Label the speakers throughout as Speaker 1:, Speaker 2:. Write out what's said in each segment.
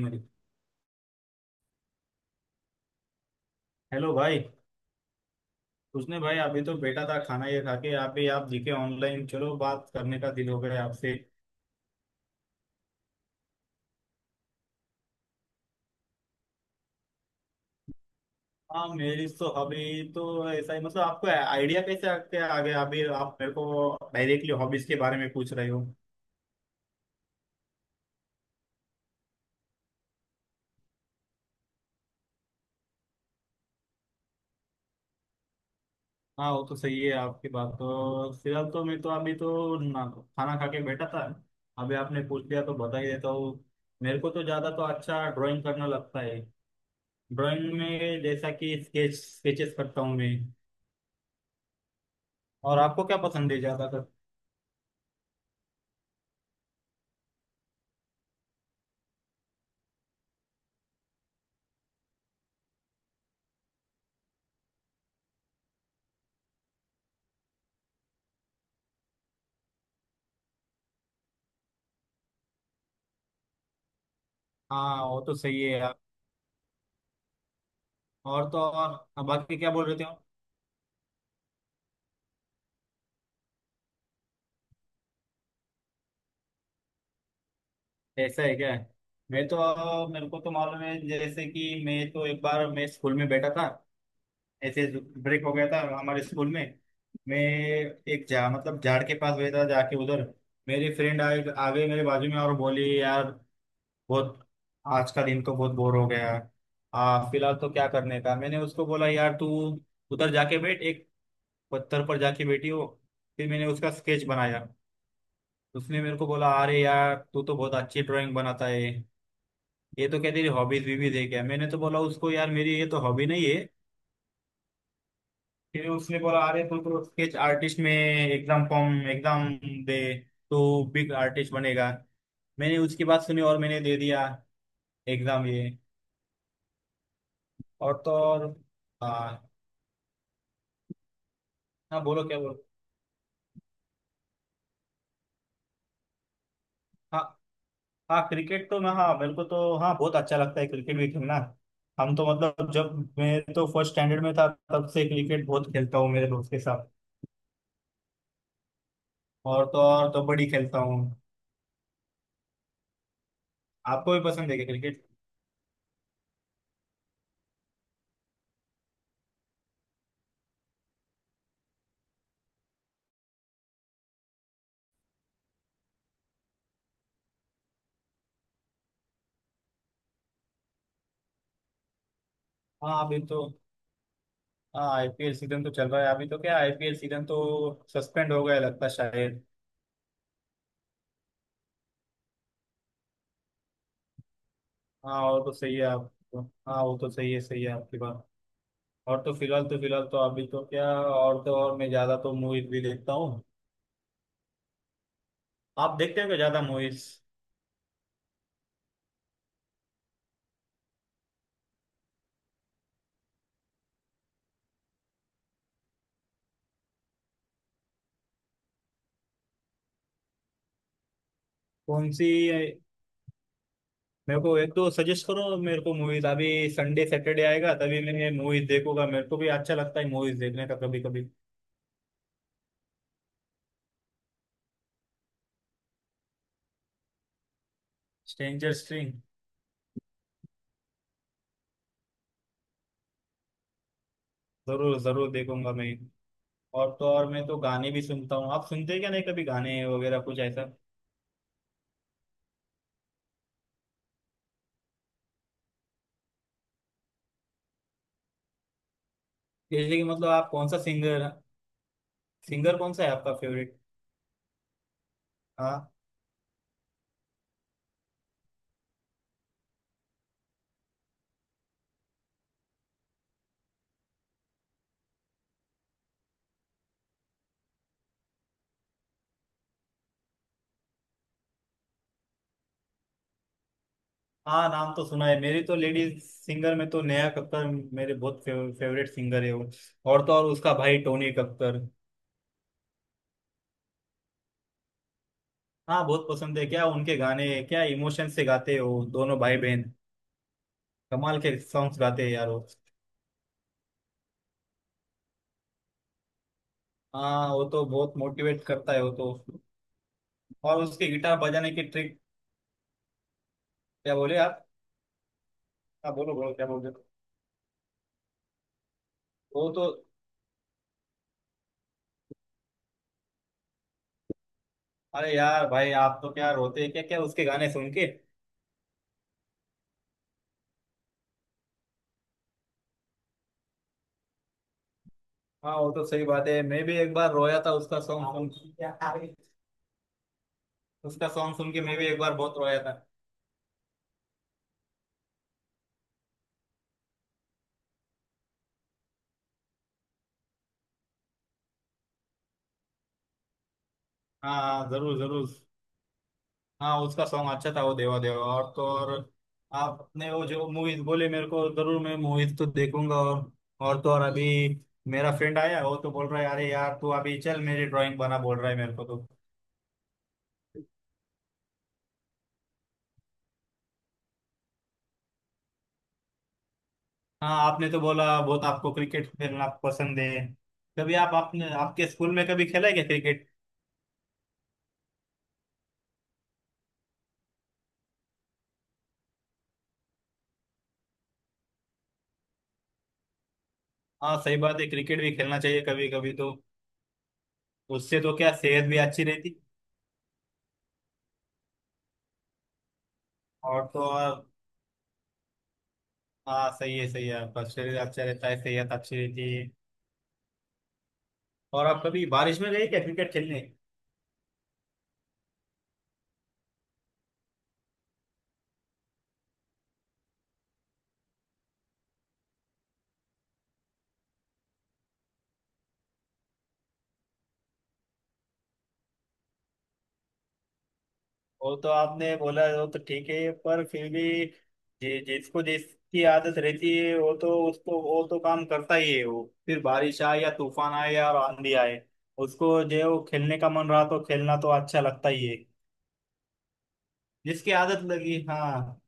Speaker 1: मेरी। हेलो भाई। उसने भाई अभी तो बैठा था, खाना ये खा के आप दिखे ऑनलाइन, चलो बात करने का दिल हो गया आपसे। हाँ मेरी तो हॉबी तो ऐसा ही, मतलब आपको आइडिया कैसे आके आ गया, अभी आप मेरे को डायरेक्टली हॉबीज के बारे में पूछ रहे हो। हाँ वो तो सही है आपकी बात, तो फिलहाल तो मैं तो अभी तो ना खाना खा के बैठा था। अभी आपने पूछ लिया तो बता ही देता हूँ। मेरे को तो ज्यादा तो अच्छा ड्राइंग करना लगता है। ड्राइंग में जैसा कि स्केचेस करता हूँ मैं। और आपको क्या पसंद है ज्यादा? हाँ वो तो सही है यार। और तो और बाकी क्या बोल रहे थे आप? ऐसा है क्या? मैं तो, मेरे को तो मालूम है, जैसे कि मैं तो एक बार मैं स्कूल में बैठा था ऐसे। ब्रेक हो गया था हमारे स्कूल में। मैं एक जा मतलब झाड़ के पास बैठा, जाके उधर मेरी फ्रेंड आ गई मेरे बाजू में और बोली, यार बहुत आज का दिन तो बहुत बोर हो गया। फिलहाल तो क्या करने का। मैंने उसको बोला, यार तू उधर जाके बैठ, एक पत्थर पर जाके बैठी हो। फिर मैंने उसका स्केच बनाया। उसने मेरे को बोला, अरे यार तू तो बहुत अच्छी ड्राइंग बनाता है। ये तो क्या तेरी हॉबीज भी देख क्या। मैंने तो बोला उसको, यार मेरी ये तो हॉबी नहीं है। फिर उसने बोला, अरे तू तो स्केच आर्टिस्ट में एग्जाम फॉर्म एग्जाम दे तो बिग आर्टिस्ट बनेगा। मैंने उसकी बात सुनी और मैंने दे दिया एग्जाम ये। और तो और। हाँ हाँ, बोलो क्या बोलो। हाँ हाँ क्रिकेट तो मैं, हाँ मेरे को तो हाँ बहुत अच्छा लगता है क्रिकेट भी खेलना। हम तो मतलब जब मैं तो फर्स्ट स्टैंडर्ड में था, तब से क्रिकेट बहुत खेलता हूँ मेरे दोस्त के साथ। और तो और कबड्डी खेलता हूँ। आपको भी पसंद है क्या क्रिकेट? हाँ अभी तो, हाँ आईपीएल सीजन तो चल रहा है अभी तो क्या, आईपीएल सीजन तो सस्पेंड हो गया लगता है शायद। हाँ और तो सही है आपको। हाँ वो तो सही है, सही है आपकी बात। और तो फिलहाल तो, फिलहाल तो अभी तो क्या, और तो और मैं ज्यादा तो मूवीज भी देखता हूँ। आप देखते हो क्या ज्यादा मूवीज? कौन सी? मेरे को एक तो सजेस्ट करो मेरे को मूवीज, अभी संडे सैटरडे आएगा तभी मैं मूवीज देखूंगा, मेरे को भी अच्छा लगता है मूवीज देखने का कभी कभी। स्ट्रेंजर। जरूर जरूर देखूंगा मैं। और तो और मैं तो गाने भी सुनता हूँ, आप सुनते हैं क्या, नहीं कभी गाने वगैरह कुछ ऐसा? जैसे कि मतलब आप कौन सा सिंगर, सिंगर कौन सा है आपका फेवरेट? हाँ। हाँ नाम तो सुना है, मेरी तो लेडीज सिंगर में तो नेहा कक्कर मेरे बहुत फेवरेट सिंगर है वो। और तो और उसका भाई टोनी कक्कर। हाँ बहुत पसंद है, क्या उनके गाने, क्या इमोशन से गाते हो दोनों भाई बहन। कमाल के सॉन्ग्स गाते हैं यार वो। हाँ वो तो बहुत मोटिवेट करता है वो तो। और उसके गिटार बजाने की ट्रिक। क्या बोले आप? हाँ बोलो बोलो क्या बोल रहे हो? वो तो। अरे यार भाई आप तो क्या रोते हैं क्या, क्या उसके गाने सुन के? हाँ वो तो सही बात है, मैं भी एक बार रोया था उसका सॉन्ग सुन के। उसका सॉन्ग सुन के मैं भी एक बार बहुत रोया था। हाँ हाँ, जरूर जरूर। हाँ उसका सॉन्ग अच्छा था वो देवा देवा। और तो और आपने वो जो मूवीज बोले मेरे को, जरूर मैं मूवीज तो देखूंगा। और तो और अभी मेरा फ्रेंड आया, वो तो बोल रहा है अरे यार तू अभी चल मेरी ड्राइंग बना, बोल रहा है मेरे को तो। हाँ आपने तो बोला बहुत आपको क्रिकेट खेलना पसंद है। कभी आप, आपने आपके स्कूल में कभी खेला है क्या क्रिकेट? हाँ सही बात है, क्रिकेट भी खेलना चाहिए कभी कभी तो। उससे तो क्या सेहत भी अच्छी रहती। और तो और। हाँ सही है सही है, आपका शरीर अच्छा रहता है, सेहत अच्छी रहती है। और आप कभी बारिश में गए क्या क्रिकेट खेलने? वो तो आपने बोला वो तो ठीक है, पर फिर भी जिसको जिसकी आदत रहती है वो तो उसको, वो तो काम करता ही है वो, फिर बारिश आए या तूफान आए या आंधी आए, उसको जो खेलने का मन रहा तो खेलना तो अच्छा लगता ही है। जिसकी आदत लगी हाँ,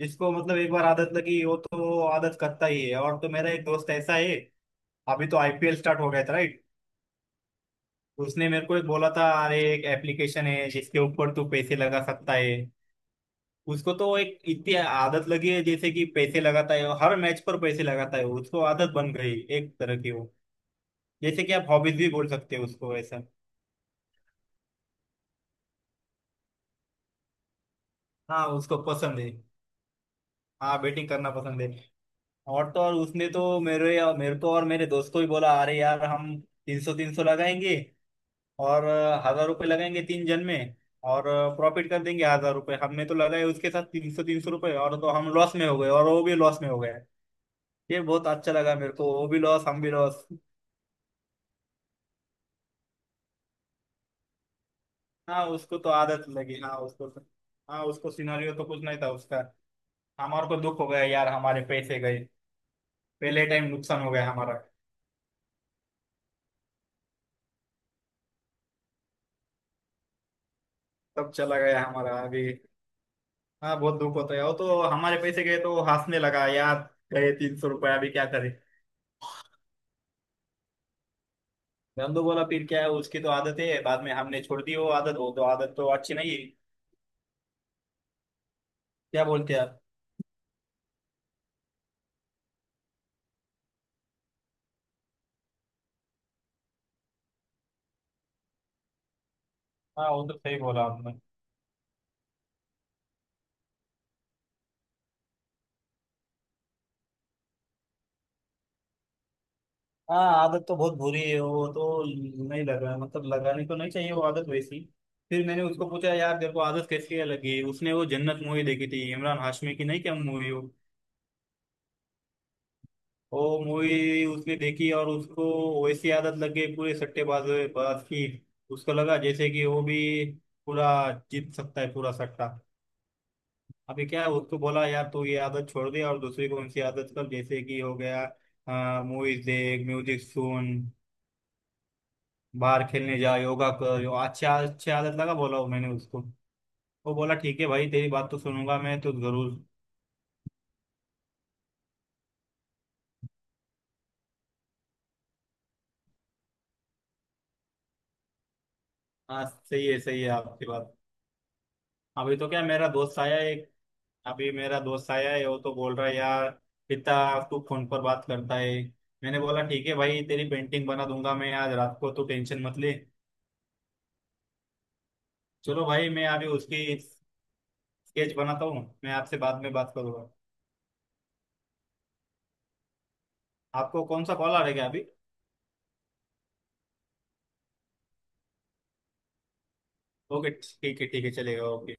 Speaker 1: जिसको मतलब एक बार आदत लगी वो तो आदत करता ही है। और तो मेरा एक दोस्त ऐसा है, अभी तो आईपीएल स्टार्ट हो गया था राइट? उसने मेरे को एक बोला था, अरे एक एप्लीकेशन है जिसके ऊपर तू पैसे लगा सकता है। उसको तो एक इतनी आदत लगी है, जैसे कि पैसे लगाता है हर मैच पर, पैसे लगाता है, उसको आदत बन गई एक तरह की वो, जैसे कि आप हॉबीज भी बोल सकते हो उसको ऐसा। हाँ उसको पसंद है। हाँ बैटिंग करना पसंद है। और तो और उसने तो मेरे मेरे को और मेरे दोस्त को भी बोला, अरे यार हम 300-300 लगाएंगे और 1,000 रुपये लगाएंगे तीन जन में और प्रॉफिट कर देंगे 1,000 रुपये। हमने तो लगाए उसके साथ 300-300 रुपये, और तो हम लॉस में हो गए और वो भी लॉस में हो गए। ये बहुत अच्छा लगा मेरे को, वो भी लॉस हम भी लॉस। हाँ उसको तो आदत लगी, हाँ उसको तो। हाँ उसको सिनेरियो तो कुछ नहीं था उसका। हमारे को दुख हो गया यार, हमारे पैसे गए। पहले टाइम नुकसान हो गया हमारा। तब चला गया हमारा अभी। हाँ बहुत दुख होता है वो तो। हमारे पैसे गए तो वो हंसने लगा यार, गए 300 रुपया अभी क्या करे। हम तो बोला फिर क्या है, उसकी तो आदत है। बाद में हमने छोड़ दी वो आदत, वो तो आदत तो अच्छी नहीं है। क्या बोलते हैं आप? हाँ वो तो सही बोला आपने। हाँ आदत तो बहुत बुरी है वो तो, नहीं लगा मतलब लगानी तो नहीं चाहिए वो आदत वैसी। फिर मैंने उसको पूछा, यार तेरे को आदत कैसी है लगी? उसने वो जन्नत मूवी देखी थी इमरान हाशमी की, नहीं क्या मूवी हो? वो मूवी उसने देखी और उसको वैसी आदत लग गई, पूरे सट्टेबाज बाज की। उसको लगा जैसे कि वो भी पूरा जीत सकता है पूरा सट्टा। अभी क्या है, उसको बोला यार तू ये आदत छोड़ दे और दूसरी कौन सी आदत कर, जैसे कि हो गया मूवीज देख, म्यूजिक सुन, बाहर खेलने जा, योगा कर, यो अच्छा अच्छी आदत लगा, बोला वो मैंने उसको। वो बोला ठीक है भाई, तेरी बात तो सुनूंगा मैं तो जरूर। हाँ सही है आपकी बात। अभी तो क्या मेरा दोस्त आया है। अभी मेरा दोस्त आया है, वो तो बोल रहा है यार, पिता तू फोन पर बात करता है। मैंने बोला ठीक है भाई तेरी पेंटिंग बना दूंगा मैं आज रात को, तू टेंशन मत ले। चलो भाई मैं अभी उसकी स्केच बनाता हूँ, मैं आपसे बाद में बात करूंगा। आपको कौन सा कॉल आ रहा है क्या अभी? ओके ठीक है चलेगा, ओके।